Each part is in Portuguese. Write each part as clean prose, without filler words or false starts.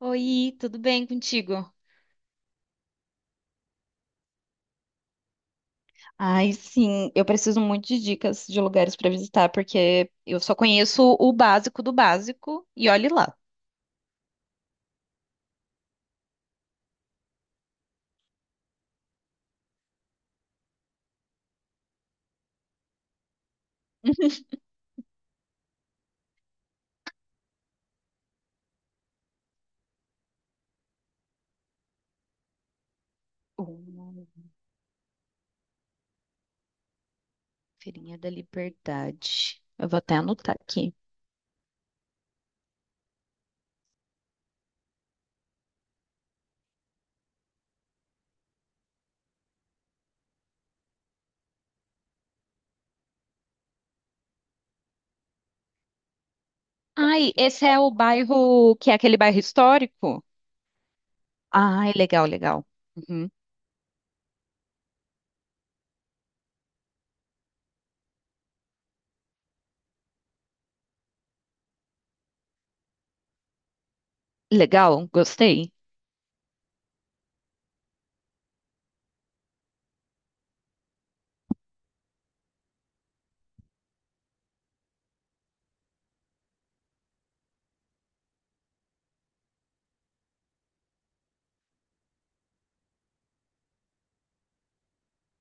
Oi, tudo bem contigo? Ai, sim, eu preciso muito de dicas de lugares para visitar, porque eu só conheço o básico do básico e olhe lá. Hum, Feirinha da Liberdade. Eu vou até anotar aqui. Ai, esse é o bairro que é aquele bairro histórico? Ai, legal, legal. Uhum. Legal, gostei.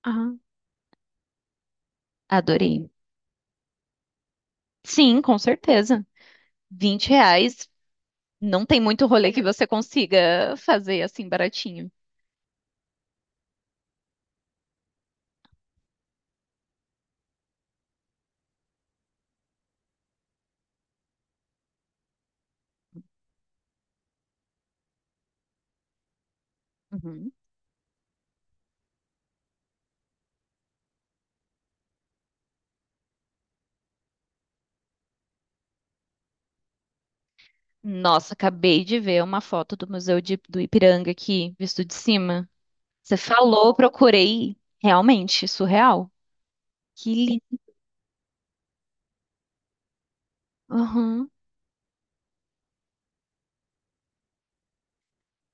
Ah, adorei. Sim, com certeza. 20 reais, não tem muito rolê que você consiga fazer assim baratinho. Uhum. Nossa, acabei de ver uma foto do do Ipiranga aqui, visto de cima. Você falou, procurei. Realmente, surreal. Que lindo. Aham.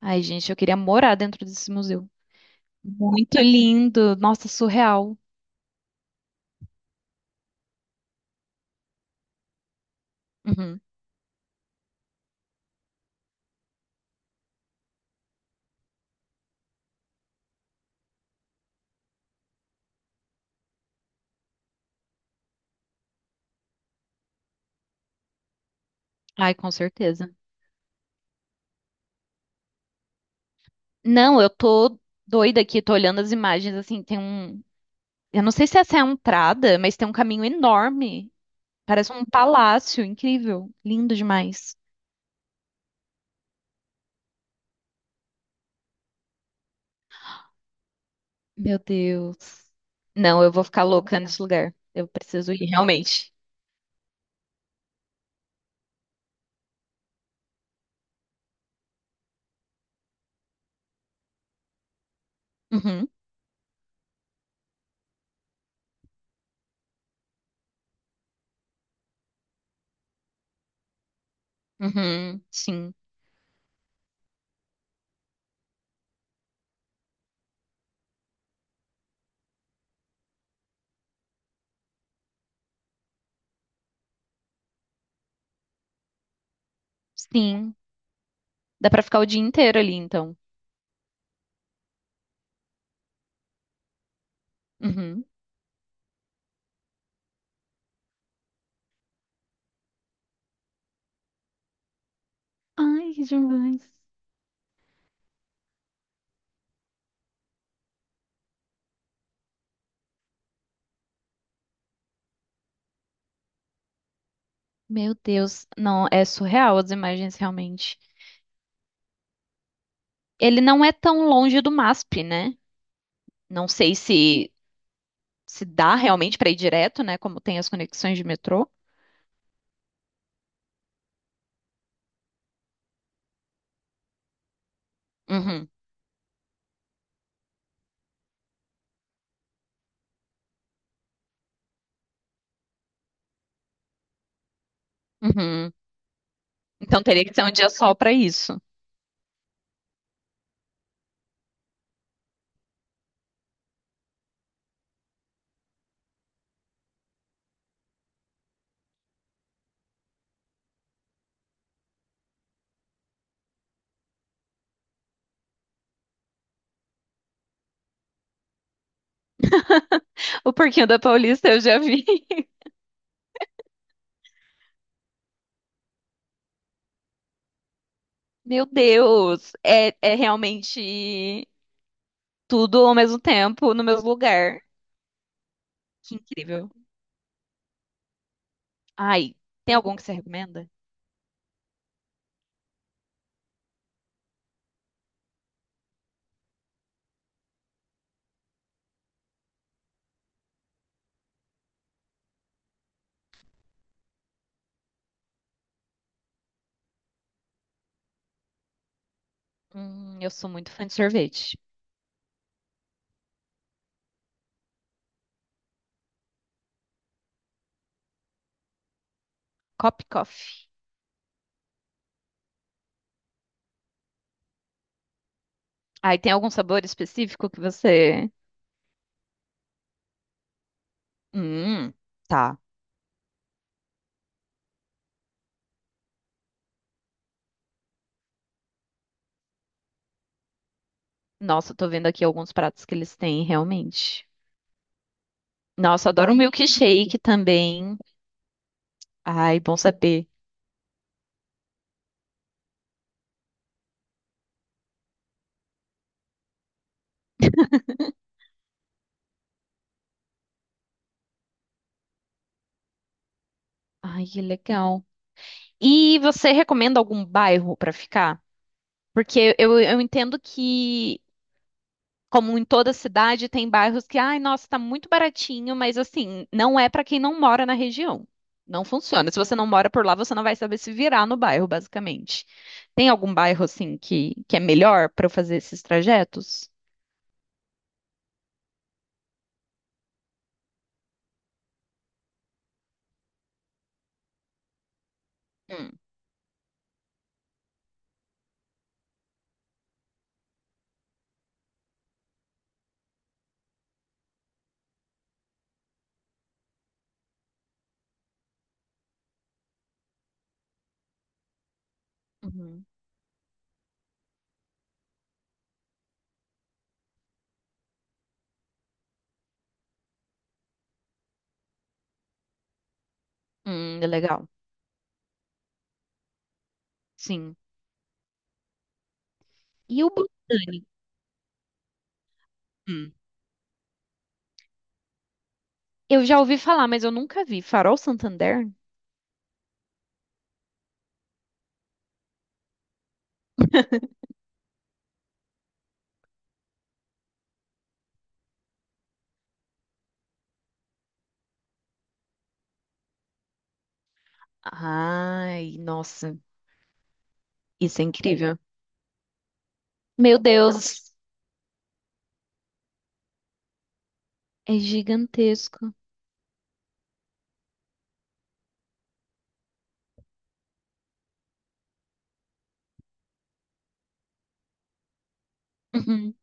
Ai, gente, eu queria morar dentro desse museu. Muito lindo. Nossa, surreal. Uhum. Ai, com certeza. Não, eu tô doida aqui, tô olhando as imagens, assim, tem um... Eu não sei se essa é a entrada, mas tem um caminho enorme. Parece um palácio, incrível. Lindo demais. Meu Deus. Não, eu vou ficar louca nesse lugar. Eu preciso ir, realmente. Uhum, uhum, sim, sim. Dá pra ficar o dia inteiro ali, então. Uhum. Ai, que demais. Meu Deus, não, é surreal as imagens, realmente. Ele não é tão longe do MASP, né? Não sei se dá realmente pra ir direto, né? Como tem as conexões de metrô. Uhum, uhum. Então teria que ser um dia só pra isso. O porquinho da Paulista eu já vi. Meu Deus, é, é realmente tudo ao mesmo tempo no mesmo lugar. Que incrível. Ai, tem algum que você recomenda? Eu sou muito fã de sorvete. Cop Coffee. Ai, tem algum sabor específico que você. Hum, tá. Nossa, eu tô vendo aqui alguns pratos que eles têm, realmente. Nossa, eu adoro um milkshake também. Ai, bom saber. Ai, que legal. E você recomenda algum bairro pra ficar? Porque eu entendo que como em toda cidade, tem bairros que, ai, nossa, tá muito baratinho, mas assim, não é para quem não mora na região. Não funciona. Se você não mora por lá, você não vai saber se virar no bairro, basicamente. Tem algum bairro assim que é melhor para eu fazer esses trajetos? Hum, uhum. É legal. Sim. E o Botânico? Hum. Eu já ouvi falar, mas eu nunca vi. Farol Santander? Ai, nossa, isso é incrível. Meu Deus, é gigantesco. Uhum.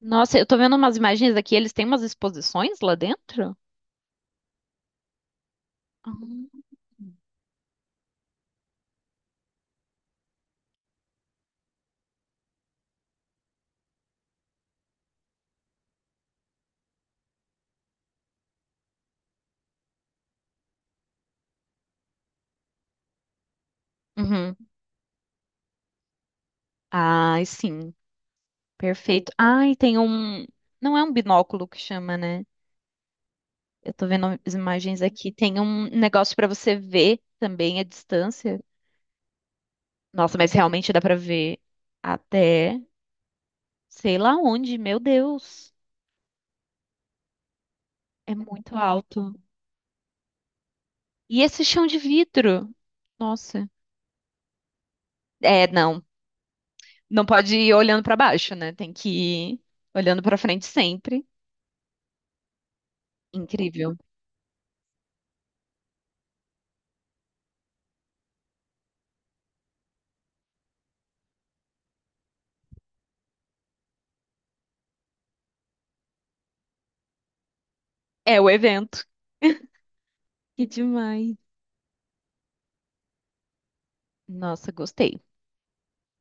Nossa, eu tô vendo umas imagens aqui, eles têm umas exposições lá dentro? Ah. Uhum. Ai, sim. Perfeito. Ai, tem um. Não é um binóculo que chama, né? Eu tô vendo as imagens aqui. Tem um negócio pra você ver também a distância. Nossa, mas realmente dá pra ver até sei lá onde. Meu Deus, é muito alto. E esse chão de vidro? Nossa. É, não. Não pode ir olhando pra baixo, né? Tem que ir olhando pra frente sempre. Incrível. É o evento. Que demais. Nossa, gostei.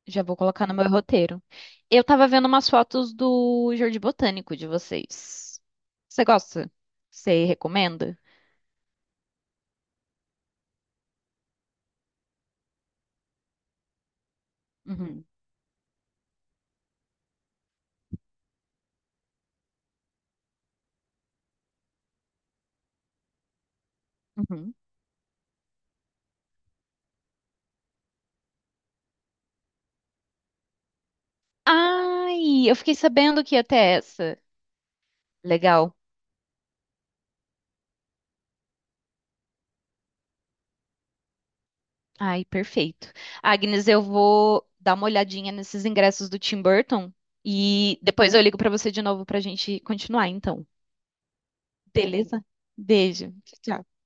Já vou colocar no meu roteiro. Eu tava vendo umas fotos do Jardim Botânico de vocês. Você gosta? Você recomenda? Uhum. Uhum. Ai, eu fiquei sabendo que ia ter essa. Legal. Ai, perfeito. Agnes, eu vou dar uma olhadinha nesses ingressos do Tim Burton e depois eu ligo pra você de novo pra gente continuar, então. Beleza? Beijo. Tchau, tchau.